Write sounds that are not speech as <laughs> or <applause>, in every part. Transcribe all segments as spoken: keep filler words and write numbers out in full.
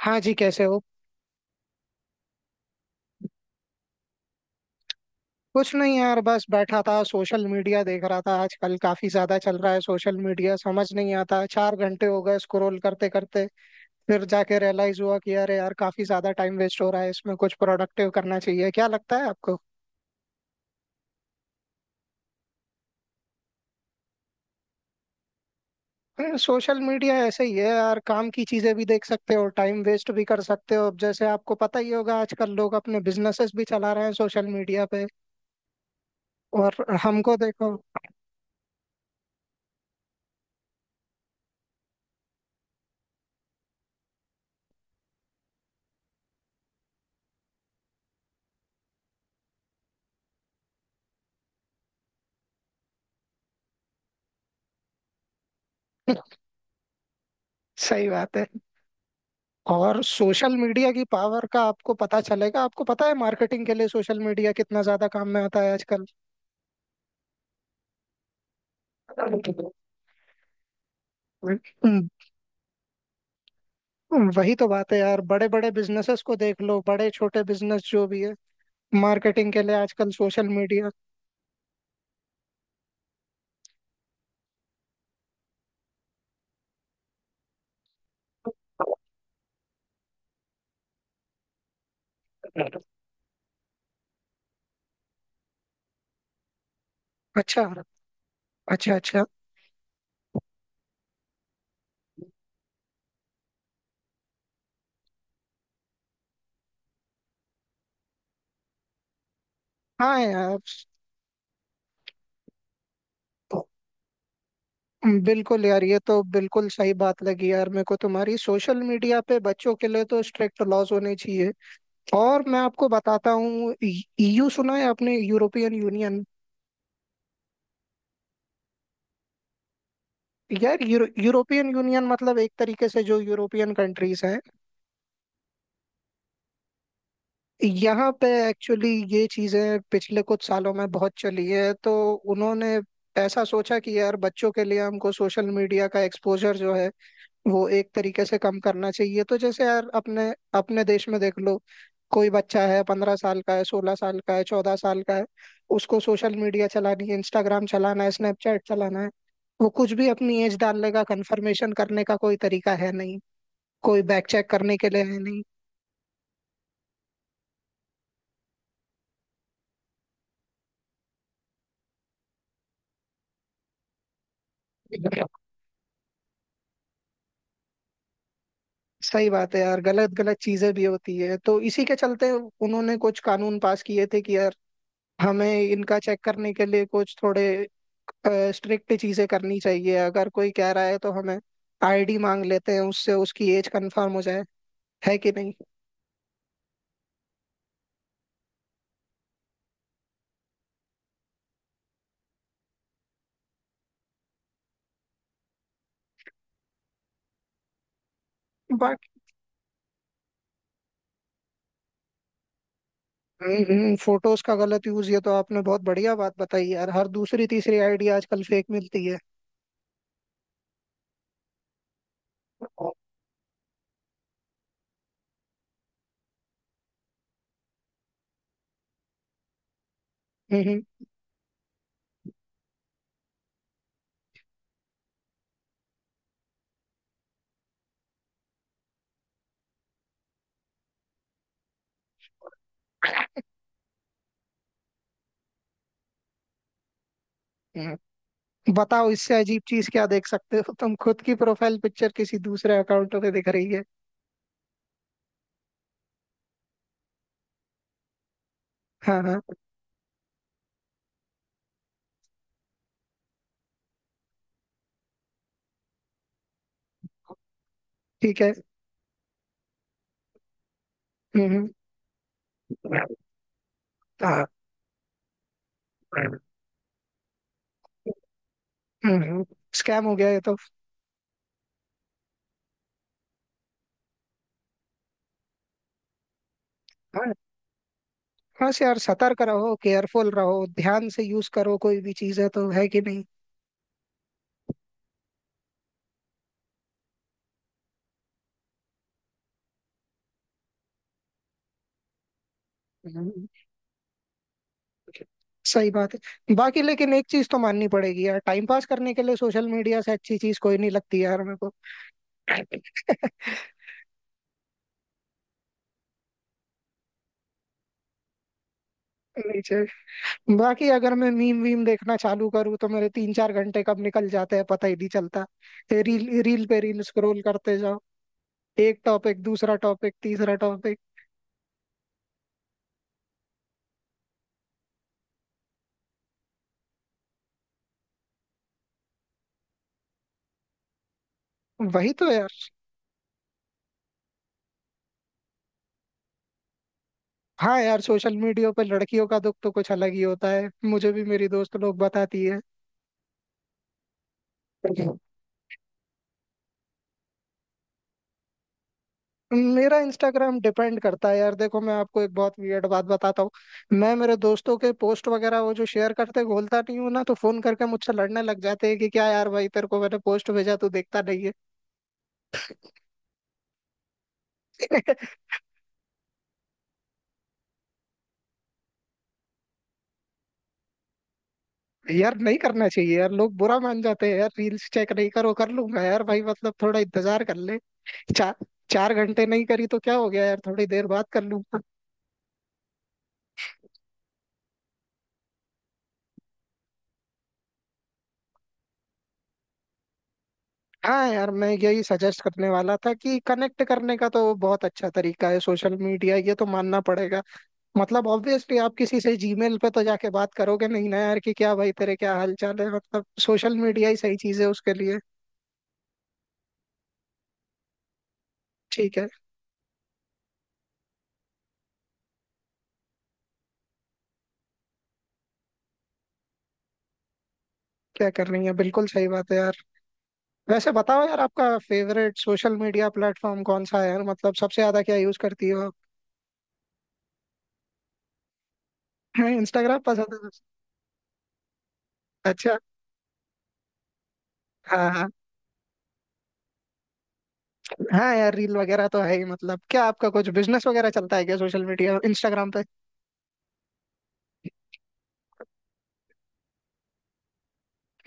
हाँ जी, कैसे हो। कुछ नहीं यार, बस बैठा था, सोशल मीडिया देख रहा था। आजकल काफी ज्यादा चल रहा है सोशल मीडिया। समझ नहीं आता, चार घंटे हो गए स्क्रॉल करते करते। फिर जाके रियलाइज हुआ कि अरे यार, काफी ज्यादा टाइम वेस्ट हो रहा है इसमें, कुछ प्रोडक्टिव करना चाहिए। क्या लगता है आपको? अरे, सोशल मीडिया ऐसे ही है यार। काम की चीजें भी देख सकते हो, टाइम वेस्ट भी कर सकते हो। अब जैसे आपको पता ही होगा, आजकल लोग अपने बिजनेसेस भी चला रहे हैं सोशल मीडिया पे। और हमको देखो। <laughs> सही बात है। और सोशल मीडिया की पावर का आपको पता चलेगा। आपको पता है मार्केटिंग के लिए सोशल मीडिया कितना ज्यादा काम में आता है आजकल। हम्म, वही तो बात है यार, बड़े बड़े बिजनेसेस को देख लो, बड़े छोटे बिजनेस जो भी है, मार्केटिंग के लिए आजकल सोशल मीडिया। अच्छा, अच्छा, अच्छा। हाँ यार। बिल्कुल यार, ये तो बिल्कुल सही बात लगी यार मेरे को तुम्हारी। सोशल मीडिया पे बच्चों के लिए तो स्ट्रिक्ट लॉज होने चाहिए। और मैं आपको बताता हूँ, ई यू सुना है आपने? European Union. यार यूरो, यूरोपियन यूनियन मतलब एक तरीके से जो यूरोपियन कंट्रीज हैं यहाँ पे, एक्चुअली ये चीजें पिछले कुछ सालों में बहुत चली है, तो उन्होंने ऐसा सोचा कि यार बच्चों के लिए हमको सोशल मीडिया का एक्सपोजर जो है वो एक तरीके से कम करना चाहिए। तो जैसे यार अपने अपने देश में देख लो, कोई बच्चा है पंद्रह साल का है, सोलह साल का है, चौदह साल का है, उसको सोशल मीडिया चलानी है, इंस्टाग्राम चलाना है, स्नैपचैट चलाना है, वो कुछ भी अपनी एज डालने का, कंफर्मेशन करने का कोई तरीका है नहीं, कोई बैक चेक करने के लिए है नहीं। सही बात है यार, गलत गलत चीजें भी होती है, तो इसी के चलते उन्होंने कुछ कानून पास किए थे कि यार हमें इनका चेक करने के लिए कुछ थोड़े स्ट्रिक्ट चीजें करनी चाहिए। अगर कोई कह रहा है तो हमें आईडी मांग लेते हैं उससे, उसकी एज कंफर्म हो जाए, है कि नहीं। बाकी फोटोज का गलत यूज, ये तो आपने बहुत बढ़िया बात बताई यार। हर दूसरी तीसरी आईडी आजकल फेक मिलती है। हम्म, हम्म। हम्म। बताओ इससे अजीब चीज क्या देख सकते हो, तुम खुद की प्रोफाइल पिक्चर किसी दूसरे अकाउंट पे दिख रही है। हाँ, हाँ। ठीक है। हम्म, हम्म। हाँ। हम्म, हम्म। स्कैम हो गया ये तो। बस यार सतर्क रहो, केयरफुल रहो, ध्यान से यूज करो कोई भी चीज, है तो है कि नहीं। हम्म। सही बात है। बाकी लेकिन एक चीज तो माननी पड़ेगी यार, टाइम पास करने के लिए सोशल मीडिया से अच्छी चीज कोई नहीं लगती यार मेरे को। <laughs> नहीं चाहिए। बाकी अगर मैं मीम वीम देखना चालू करूँ, तो मेरे तीन चार घंटे कब निकल जाते हैं पता ही नहीं चलता। रील रील पे रील स्क्रॉल करते जाओ, एक टॉपिक, दूसरा टॉपिक, तीसरा टॉपिक। वही तो। हाँ यार, सोशल मीडिया पर लड़कियों का दुख तो कुछ अलग ही होता है, मुझे भी मेरी दोस्त लोग बताती है। मेरा इंस्टाग्राम डिपेंड करता है यार, देखो मैं आपको एक बहुत वियर्ड बात बताता हूँ। मैं मेरे दोस्तों के पोस्ट वगैरह वो जो शेयर करते हैं, खोलता नहीं हूँ, ना तो फोन करके मुझसे लड़ने लग जाते हैं कि क्या यार भाई, तेरे को मैंने पोस्ट भेजा, तू देखता नहीं है। <laughs> यार नहीं करना चाहिए यार, लोग बुरा मान जाते हैं यार। रील्स चेक नहीं करो, कर लूंगा यार भाई, मतलब थोड़ा इंतजार कर ले। चार चार घंटे नहीं करी तो क्या हो गया यार, थोड़ी देर बात कर लूँ। हाँ यार, मैं यही सजेस्ट करने वाला था कि कनेक्ट करने का तो बहुत अच्छा तरीका है सोशल मीडिया, ये तो मानना पड़ेगा। मतलब ऑब्वियसली आप किसी से जीमेल पे तो जाके बात करोगे नहीं ना यार, कि क्या भाई तेरे क्या हाल चाल है, मतलब सोशल मीडिया ही सही चीज है उसके लिए। ठीक है। क्या कर रही है, बिल्कुल सही बात है यार। वैसे बताओ यार, आपका फेवरेट सोशल मीडिया प्लेटफॉर्म कौन सा है यार, मतलब सबसे ज्यादा क्या यूज करती हो? हाँ, इंस्टाग्राम पसंद है। अच्छा। हाँ, हाँ। हाँ यार, रील वगैरह तो है ही, मतलब क्या आपका कुछ बिजनेस वगैरह चलता है क्या सोशल मीडिया इंस्टाग्राम पे?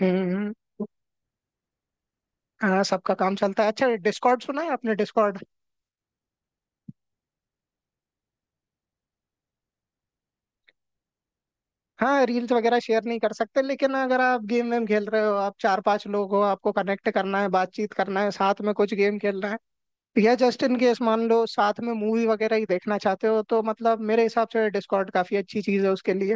हम्म। हाँ, सबका काम चलता है। अच्छा, डिस्कॉर्ड सुना है आपने? डिस्कॉर्ड। हाँ रील्स वगैरह शेयर नहीं कर सकते, लेकिन अगर आप गेम वेम खेल रहे हो, आप चार पांच लोग हो, आपको कनेक्ट करना है, बातचीत करना है, साथ में कुछ गेम खेलना है, या जस्ट इन केस मान लो साथ में मूवी वगैरह ही देखना चाहते हो, तो मतलब मेरे हिसाब से डिस्कॉर्ड काफी अच्छी चीज है उसके लिए।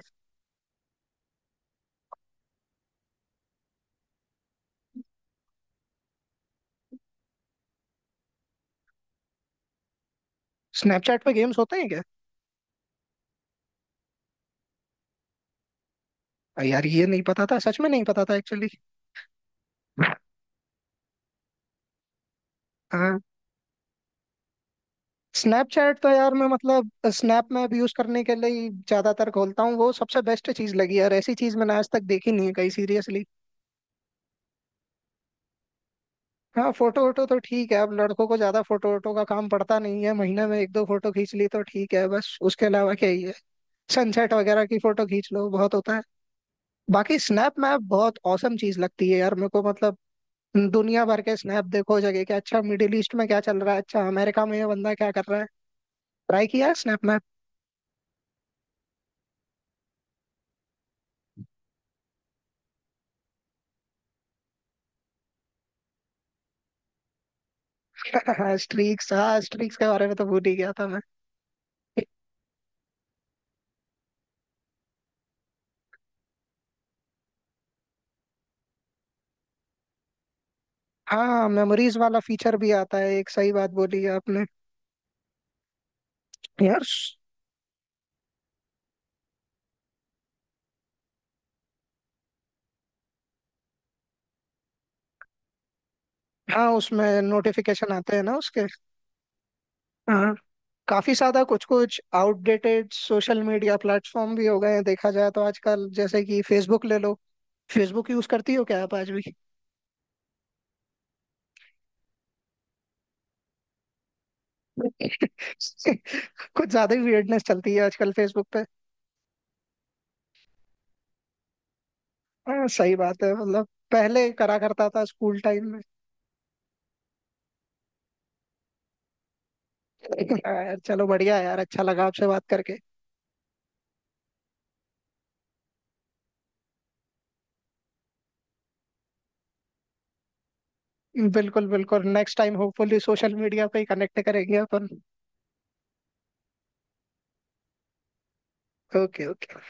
स्नैपचैट पे गेम्स होते हैं क्या? यार ये नहीं पता था, सच में नहीं पता था एक्चुअली। स्नैपचैट तो यार, मैं मतलब, स्नैप में अब यूज करने के लिए ही ज्यादातर खोलता हूँ। वो सबसे बेस्ट चीज लगी यार, ऐसी चीज मैंने आज तक देखी नहीं है कहीं, सीरियसली। हाँ फोटो वोटो तो ठीक है, अब लड़कों को ज्यादा फोटो वोटो का काम पड़ता नहीं है, महीने में एक दो फोटो खींच ली तो ठीक है, बस उसके अलावा क्या ही है। सनसेट वगैरह की फोटो खींच लो, बहुत होता है। बाकी स्नैप मैप बहुत औसम चीज लगती है यार मेरे को, मतलब दुनिया भर के स्नैप देखो जगह के, अच्छा मिडिल ईस्ट में क्या चल रहा है, अच्छा अमेरिका में ये बंदा क्या कर रहा है। ट्राई किया है स्नैप मैप? <laughs> हाँ, स्ट्रीक्स, हाँ स्ट्रीक्स के बारे में तो भूल ही गया था मैं। हाँ, मेमोरीज वाला फीचर भी आता है, एक सही बात बोली है आपने। यार स- हाँ उसमें नोटिफिकेशन आते हैं ना उसके। हाँ, काफी ज्यादा कुछ कुछ आउटडेटेड सोशल मीडिया प्लेटफॉर्म भी हो गए हैं देखा जाए तो, आजकल जैसे कि फेसबुक ले लो। फेसबुक यूज करती हो क्या आप आज भी? <laughs> कुछ ज्यादा ही वियर्डनेस चलती है आजकल फेसबुक पे। हाँ, सही बात है, मतलब पहले करा करता था स्कूल टाइम में। <laughs> यार चलो, बढ़िया है यार, अच्छा लगा आपसे बात करके। बिल्कुल बिल्कुल, next time hopefully social media पे ही कनेक्ट करेंगे अपन। Okay, okay.